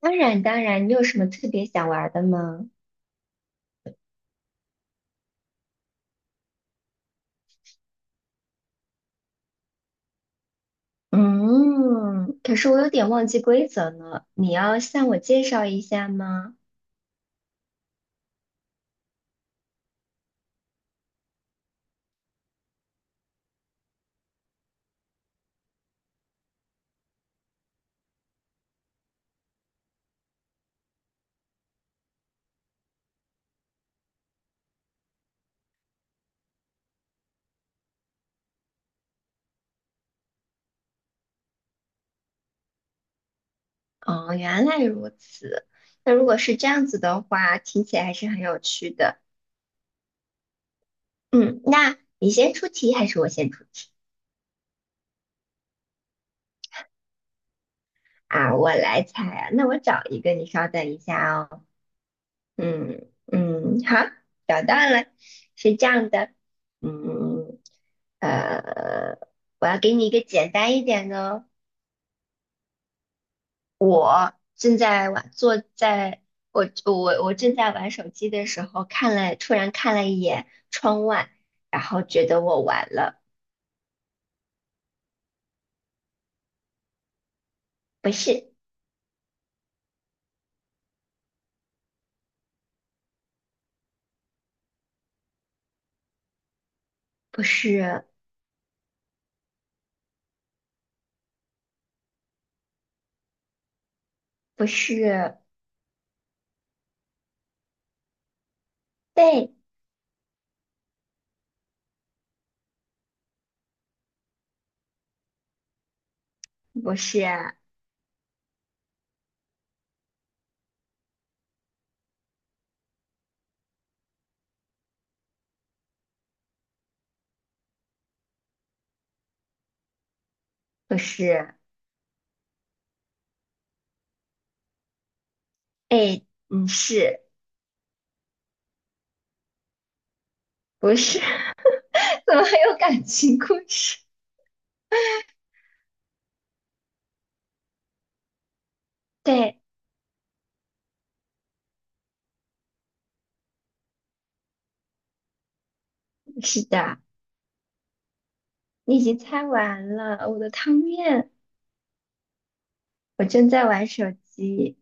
当然，当然，你有什么特别想玩儿的吗？嗯，可是我有点忘记规则了，你要向我介绍一下吗？哦，原来如此。那如果是这样子的话，听起来还是很有趣的。嗯，那你先出题还是我先出题？啊？我来猜啊。那我找一个，你稍等一下哦。嗯嗯，好，找到了，是这样的。嗯，呃，我要给你一个简单一点的哦。正在玩，坐在我正在玩手机的时候，突然看了一眼窗外，然后觉得我完了。不是。不是。不是。被，不是。不是。哎，嗯，是不是？怎么还有感情故事？对，是的，你已经猜完了我的汤面，我正在玩手机。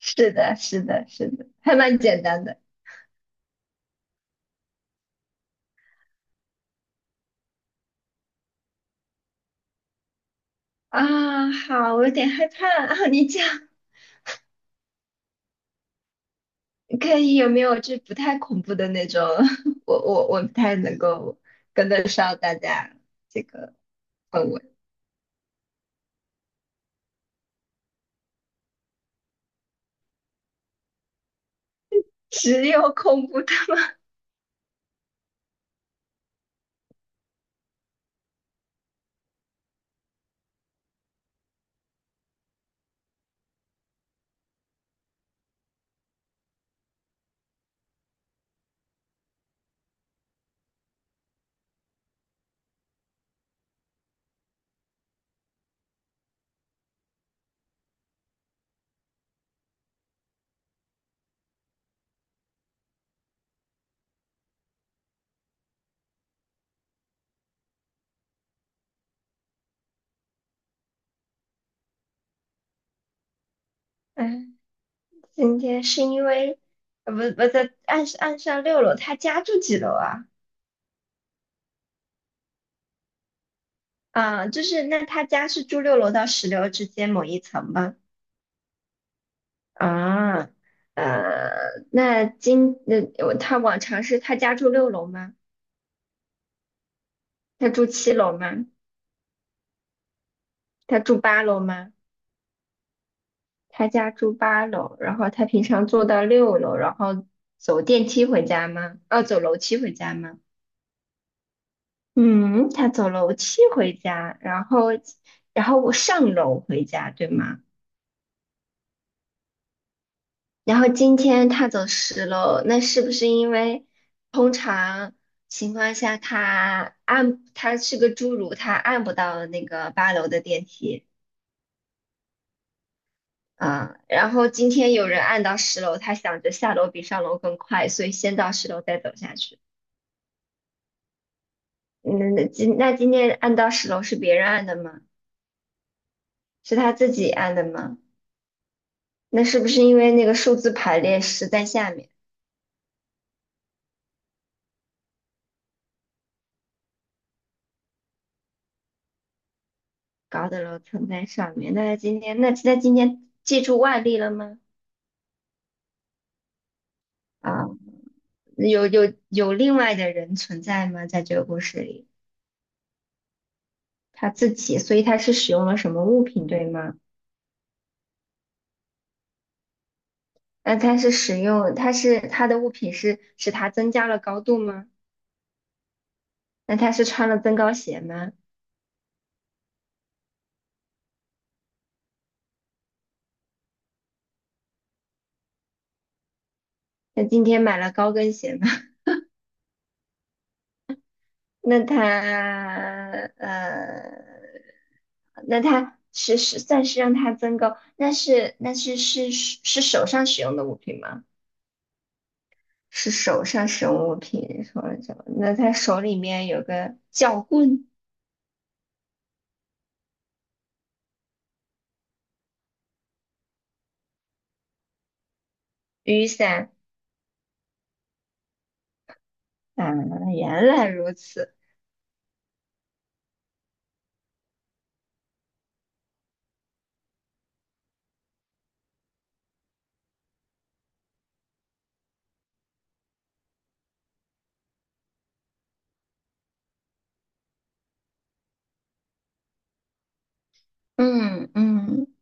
是的，是的，是的，还蛮简单的。啊，好，我有点害怕啊。你讲。可以，有没有就不太恐怖的那种？我不太能够跟得上大家这个氛围。只有恐怖的吗？嗯，今天是因为不不在岸上岸上六楼，他家住几楼啊？啊，就是那他家是住六楼到十楼之间某一层吗？啊，呃，那今那我他往常是他家住六楼吗？他住七楼吗？他住八楼吗？他家住八楼，然后他平常坐到六楼，然后走电梯回家吗？哦，走楼梯回家吗？嗯，他走楼梯回家，然后，然后我上楼回家，对吗？然后今天他走十楼，那是不是因为通常情况下他按，他是个侏儒，他按不到那个八楼的电梯？啊，然后今天有人按到十楼，他想着下楼比上楼更快，所以先到十楼再走下去。嗯，那今天按到十楼是别人按的吗？是他自己按的吗？那是不是因为那个数字排列十在下面，高的楼层在上面？那他今天借助外力了吗？啊，有另外的人存在吗？在这个故事里，他自己，所以他是使用了什么物品，对吗？那它是使用，它是它的物品是使它增加了高度吗？那它是穿了增高鞋吗？那今天买了高跟鞋吗？那它呃，那它是算是让它增高，那是手上使用的物品吗？是手上使用物品，说了什么？那他手里面有个撬棍、雨伞啊，原来如此。嗯嗯。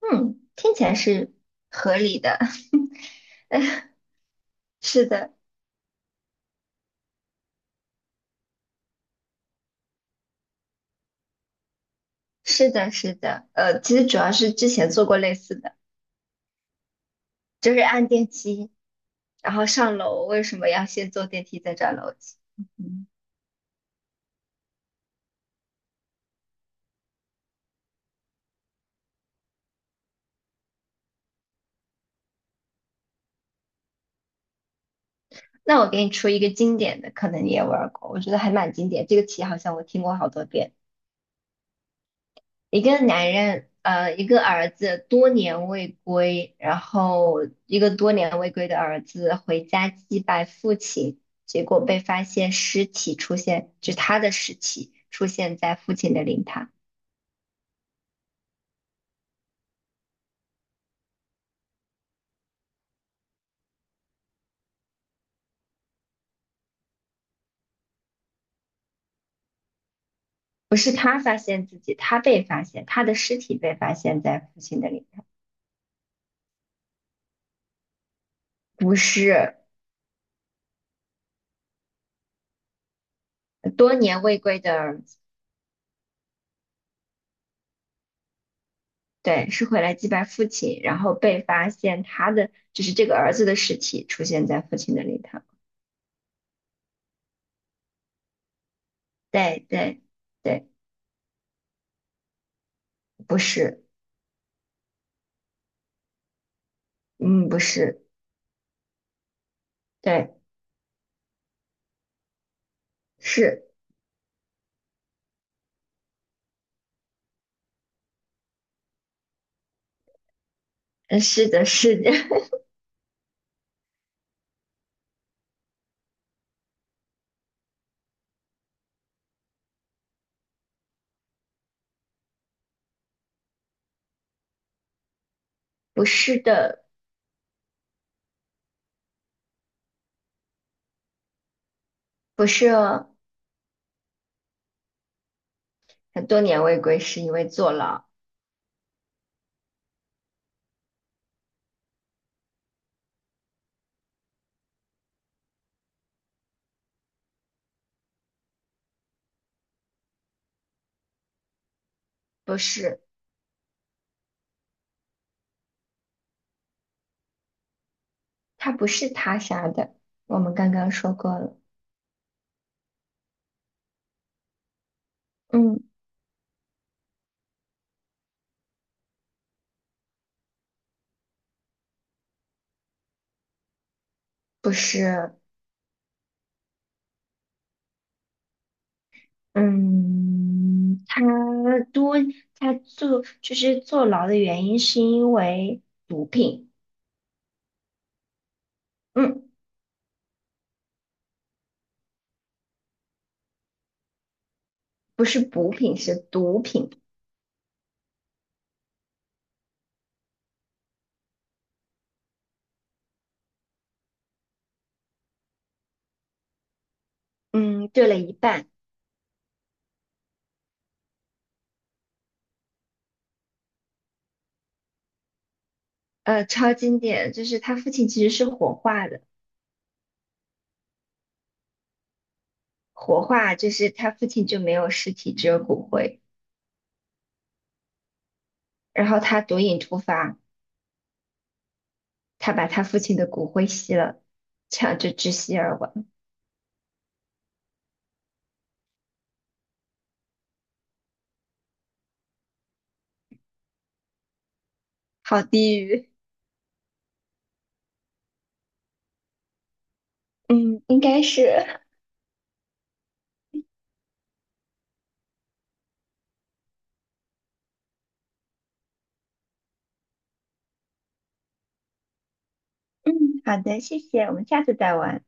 嗯，听起来是合理的。是的，是的，是的。其实主要是之前做过类似的，就是按电梯，然后上楼，为什么要先坐电梯再转楼梯？嗯，那我给你出一个经典的，可能你也玩儿过，我觉得还蛮经典。这个题好像我听过好多遍。一个男人，一个儿子多年未归，然后一个多年未归的儿子回家祭拜父亲，结果被发现尸体出现，就他的尸体出现在父亲的灵堂。不是他发现自己，他被发现，他的尸体被发现在父亲的灵堂。不是。多年未归的儿子，对，是回来祭拜父亲，然后被发现他的，就是这个儿子的尸体出现在父亲的灵堂。对对。对。不是。嗯，不是。对。是。嗯，是的，是的。不是的。不是哦。很多年未归是因为坐牢。不是，他不是他杀的，我们刚刚说过了。嗯，不是。嗯，多，他坐，就是坐牢的原因是因为毒品。嗯，不是补品，是毒品。嗯，对了一半。超经典，就是他父亲其实是火化的。活化就是他父亲就没有尸体，只有骨灰。然后他毒瘾突发，他把他父亲的骨灰吸了，这样就窒息而亡。好低狱。嗯，应该是。嗯，好的，谢谢，我们下次再玩。